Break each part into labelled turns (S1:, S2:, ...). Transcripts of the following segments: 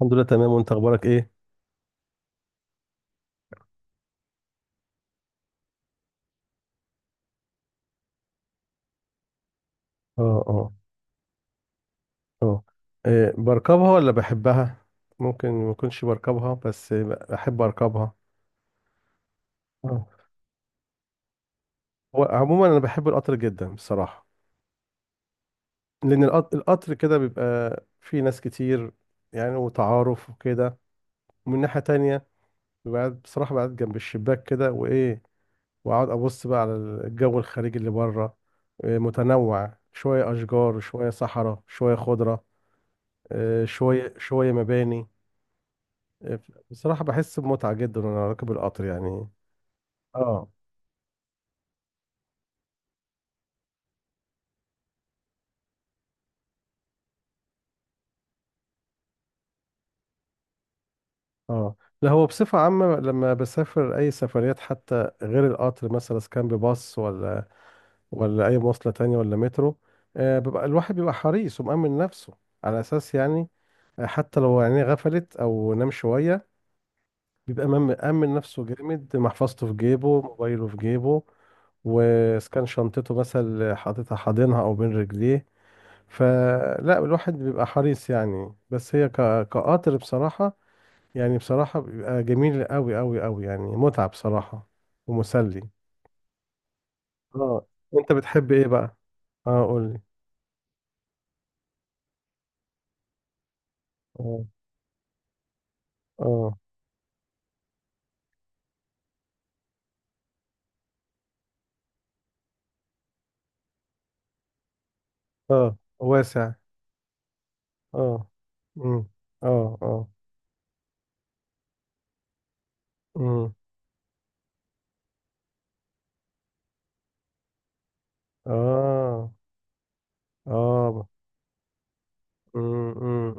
S1: الحمد لله تمام، وانت اخبارك ايه؟ اه. اه. اه. إيه، بركبها ولا بحبها؟ ممكن ما اكونش بركبها بس بحب اركبها. اه. هو عموما انا بحب القطر جدا بصراحة، لان القطر كده بيبقى فيه ناس كتير، يعني وتعارف وكده. ومن ناحية تانية بصراحة بقعد جنب الشباك كده، وايه واقعد ابص بقى على الجو الخارجي اللي بره. إيه، متنوع شوية اشجار شوية صحراء شوية خضرة. إيه، شوية شوية مباني. بصراحة بحس بمتعة جدا وأنا راكب القطر يعني. اه اه. لا، هو بصفة عامة لما بسافر أي سفريات، حتى غير القطر، مثلا إذا كان بباص ولا أي مواصلة تانية ولا مترو، آه بيبقى الواحد بيبقى حريص ومأمن نفسه على أساس يعني. حتى لو عينيه غفلت أو نام شوية بيبقى مأمن نفسه جامد، محفظته في جيبه، موبايله في جيبه، وإذا كان شنطته مثلا حاططها حاضنها أو بين رجليه. فلا الواحد بيبقى حريص يعني، بس هي كقطر بصراحة، يعني بصراحة بيبقى جميل قوي قوي قوي، يعني متعة بصراحة. ومسلي. اه. انت بتحب ايه بقى؟ اه قول لي. اه. اه. اه. واسع. اه. امم. اه اه. امم. اه اه. امم.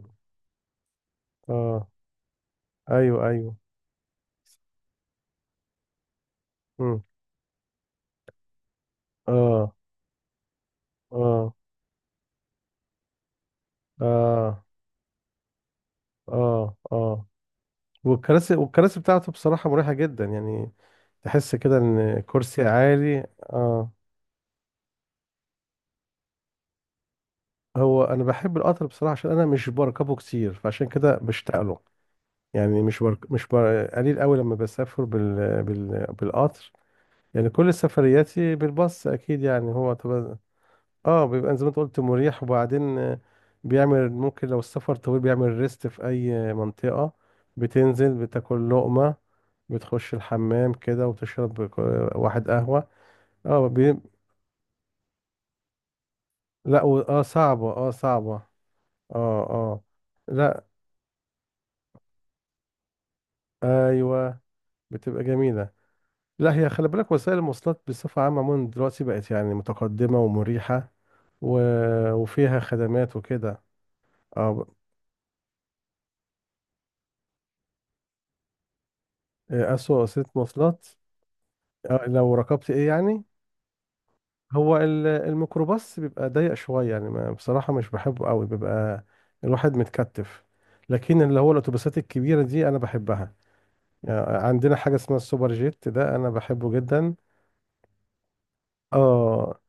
S1: اه. ايوه ايوه. امم. اه اه اه اه اه. والكراسي بتاعته بصراحة مريحة جدا، يعني تحس كده ان كرسي عالي. اه. هو انا بحب القطر بصراحه عشان انا مش بركبه كتير، فعشان كده بشتاق له. يعني مش برك... مش بر... قليل قوي لما بسافر بالقطر. يعني كل سفرياتي بالباص اكيد، يعني هو طبعا. اه بيبقى زي ما انت قلت مريح. وبعدين بيعمل، ممكن لو السفر طويل بيعمل ريست في اي منطقه. بتنزل بتاكل لقمه، بتخش الحمام كده، وتشرب واحد قهوه. اه لا اه صعبه. اه صعبه. اه اه. لا. ايوه. بتبقى جميله. لا، هي خلي بالك وسائل المواصلات بصفه عامه عموما دلوقتي بقت يعني متقدمه ومريحه و... وفيها خدمات وكده. اه. إيه، اسوأ وسيله مواصلات؟ آه لو ركبت ايه يعني. هو الميكروباص بيبقى ضيق شويه يعني، ما بصراحه مش بحبه قوي، بيبقى الواحد متكتف. لكن اللي هو الاتوبيسات الكبيره دي انا بحبها. يعني عندنا حاجه اسمها السوبر جيت ده انا بحبه جدا. اه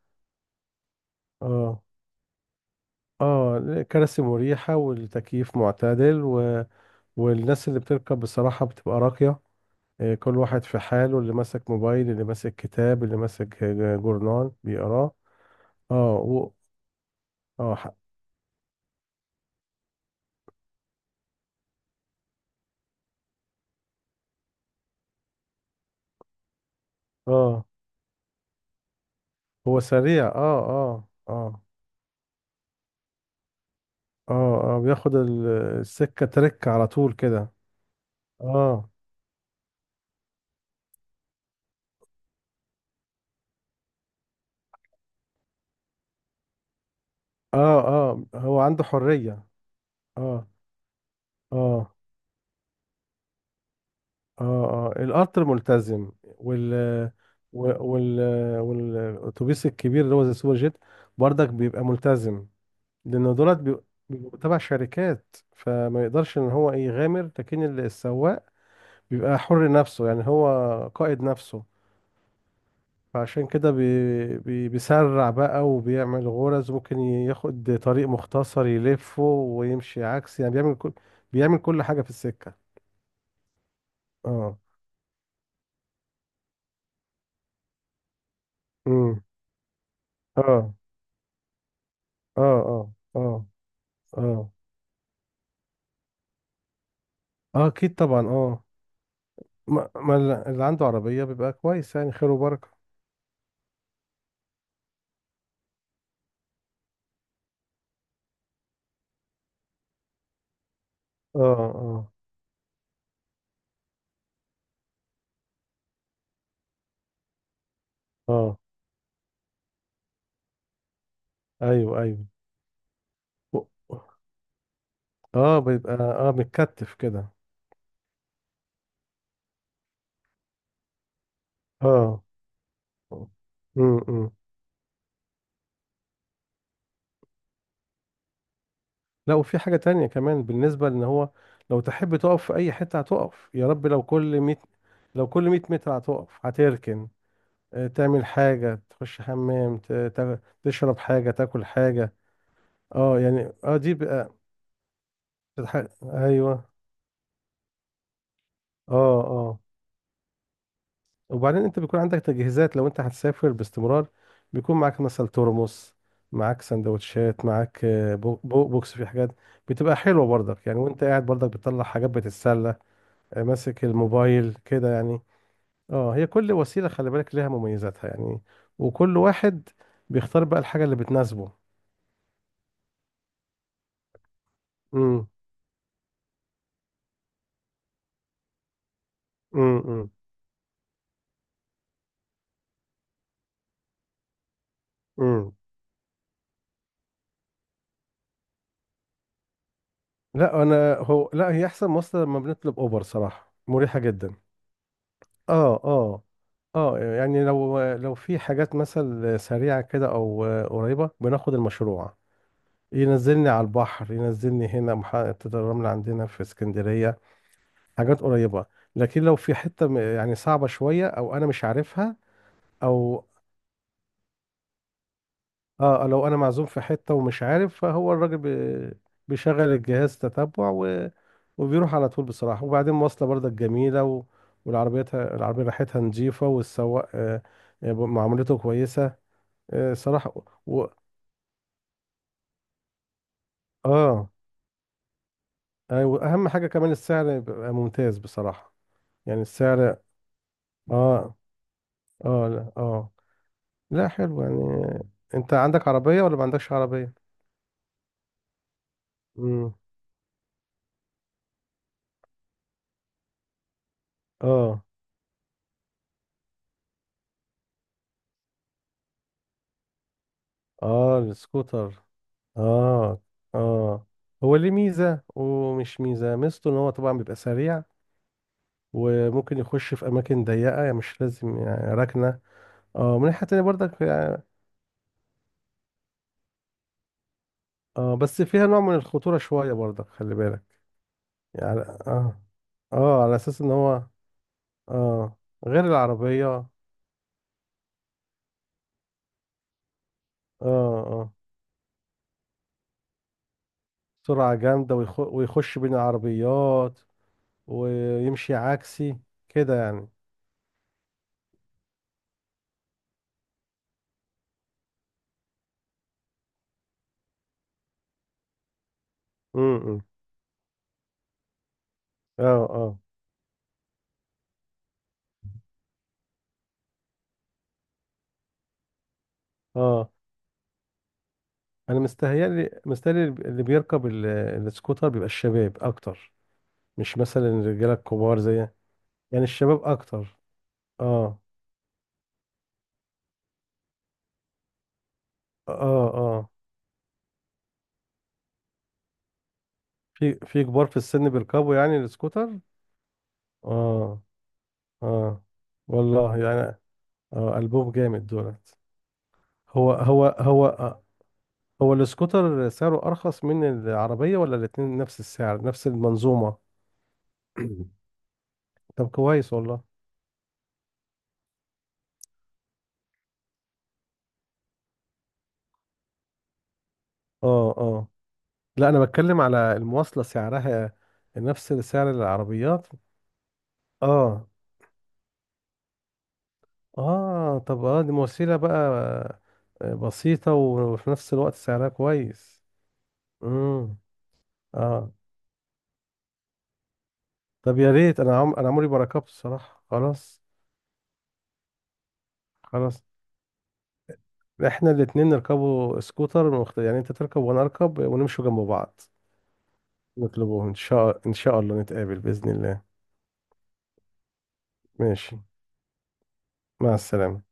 S1: اه اه. كراسي مريحة والتكييف معتدل والناس اللي بتركب بصراحة بتبقى راقية. كل واحد في حاله، اللي ماسك موبايل اللي ماسك كتاب اللي ماسك جورنال بيقراه. اه اه. اه هو سريع. اه اه اه اه اه. بياخد السكة ترك على طول كده. اه اه اه. هو عنده حرية. اه اه اه. اه القطر ملتزم و- وال والاتوبيس الكبير اللي هو زي السوبر جيت برضك بيبقى ملتزم. لان دولت بيبقوا تبع شركات، فما يقدرش ان هو إيه يغامر. لكن السواق بيبقى حر نفسه، يعني هو قائد نفسه، فعشان كده بي بي بيسرع بقى، وبيعمل غرز، ممكن ياخد طريق مختصر يلفه ويمشي عكس، يعني بيعمل كل حاجة في السكة. اه. امم. اه اه اه اه اه. اه اكيد طبعا اه. ما ما الل- اللي عنده عربية بيبقى كويس، يعني خير وبركة. اه اه اه. ايوه ايوه. و- اه بيبقى اه متكتف كده. اه. امم. لا، وفي حاجة تانية كمان بالنسبة لان هو لو تحب تقف في اي حتة هتقف، يا رب لو كل 100 متر هتقف هتركن. تعمل حاجة، تخش حمام، تشرب حاجة، تاكل حاجة. اه يعني اه دي بقى. ايوه. اه اه. وبعدين انت بيكون عندك تجهيزات لو انت هتسافر باستمرار، بيكون معاك مثلا ترمس، معاك سندوتشات، معاك بوكس في حاجات. بتبقى حلوة برضك يعني، وانت قاعد برضك بتطلع حاجات بتتسلى. ماسك الموبايل كده يعني. اه. هي كل وسيلة خلي بالك ليها مميزاتها يعني، وكل واحد بيختار بقى الحاجة اللي بتناسبه. امم امم. امم. لا انا هو لا، هي احسن مواصلة لما بنطلب اوبر صراحة مريحة جدا. اه اه. اه يعني لو في حاجات مثلا سريعة كده او قريبة بناخد المشروع، ينزلني على البحر، ينزلني هنا محطة الرمل عندنا في اسكندرية، حاجات قريبة. لكن لو في يعني صعبة شوية او انا مش عارفها او اه، لو انا معزوم في حتة ومش عارف، فهو الراجل بيشغل الجهاز تتبع وبيروح على طول بصراحة. وبعدين مواصلة برضك جميلة والعربيتها العربية ريحتها نظيفة، والسواق معاملته كويسة. صراحة و... اه ايوه، اهم حاجة كمان السعر يبقى ممتاز بصراحة. يعني السعر اه. اه لا اه. لا حلو يعني. انت عندك عربية ولا ما عندكش عربية؟ امم. اه اه. السكوتر. اه اه. هو ليه ميزة ومش ميزة. ميزته ان هو طبعا بيبقى سريع، وممكن يخش في اماكن ضيقة، يعني مش لازم يعني ركنة. اه. من ناحية تانية برضك يعني اه، بس فيها نوع من الخطورة شوية برضك خلي بالك. يعني اه اه، على اساس ان هو اه غير العربية اه. اه سرعة جامدة ويخش بين العربيات، ويمشي عكسي كده يعني. امم. اه اه اه. انا مستهيألي اللي بيركب السكوتر بيبقى الشباب اكتر، مش مثلا الرجالة الكبار زي، يعني الشباب اكتر. اه اه اه. في كبار في السن بيركبوا يعني السكوتر. اه اه. والله يعني. اه ألبوم جامد دولت. هو هو هو آه، هو السكوتر سعره أرخص من العربية ولا الاتنين نفس السعر نفس المنظومة؟ طب كويس والله. اه اه. لا، أنا بتكلم على المواصلة سعرها نفس سعر العربيات. اه اه. طب اه، دي وسيلة بقى بسيطة وفي نفس الوقت سعرها كويس. امم. اه. طب يا ريت، انا انا عمري ما ركبت الصراحة. خلاص. خلاص احنا الاتنين نركبوا سكوتر يعني انت تركب وانا اركب ونمشوا جنب بعض. نطلبوه ان شاء الله نتقابل باذن الله. ماشي. مع السلامه.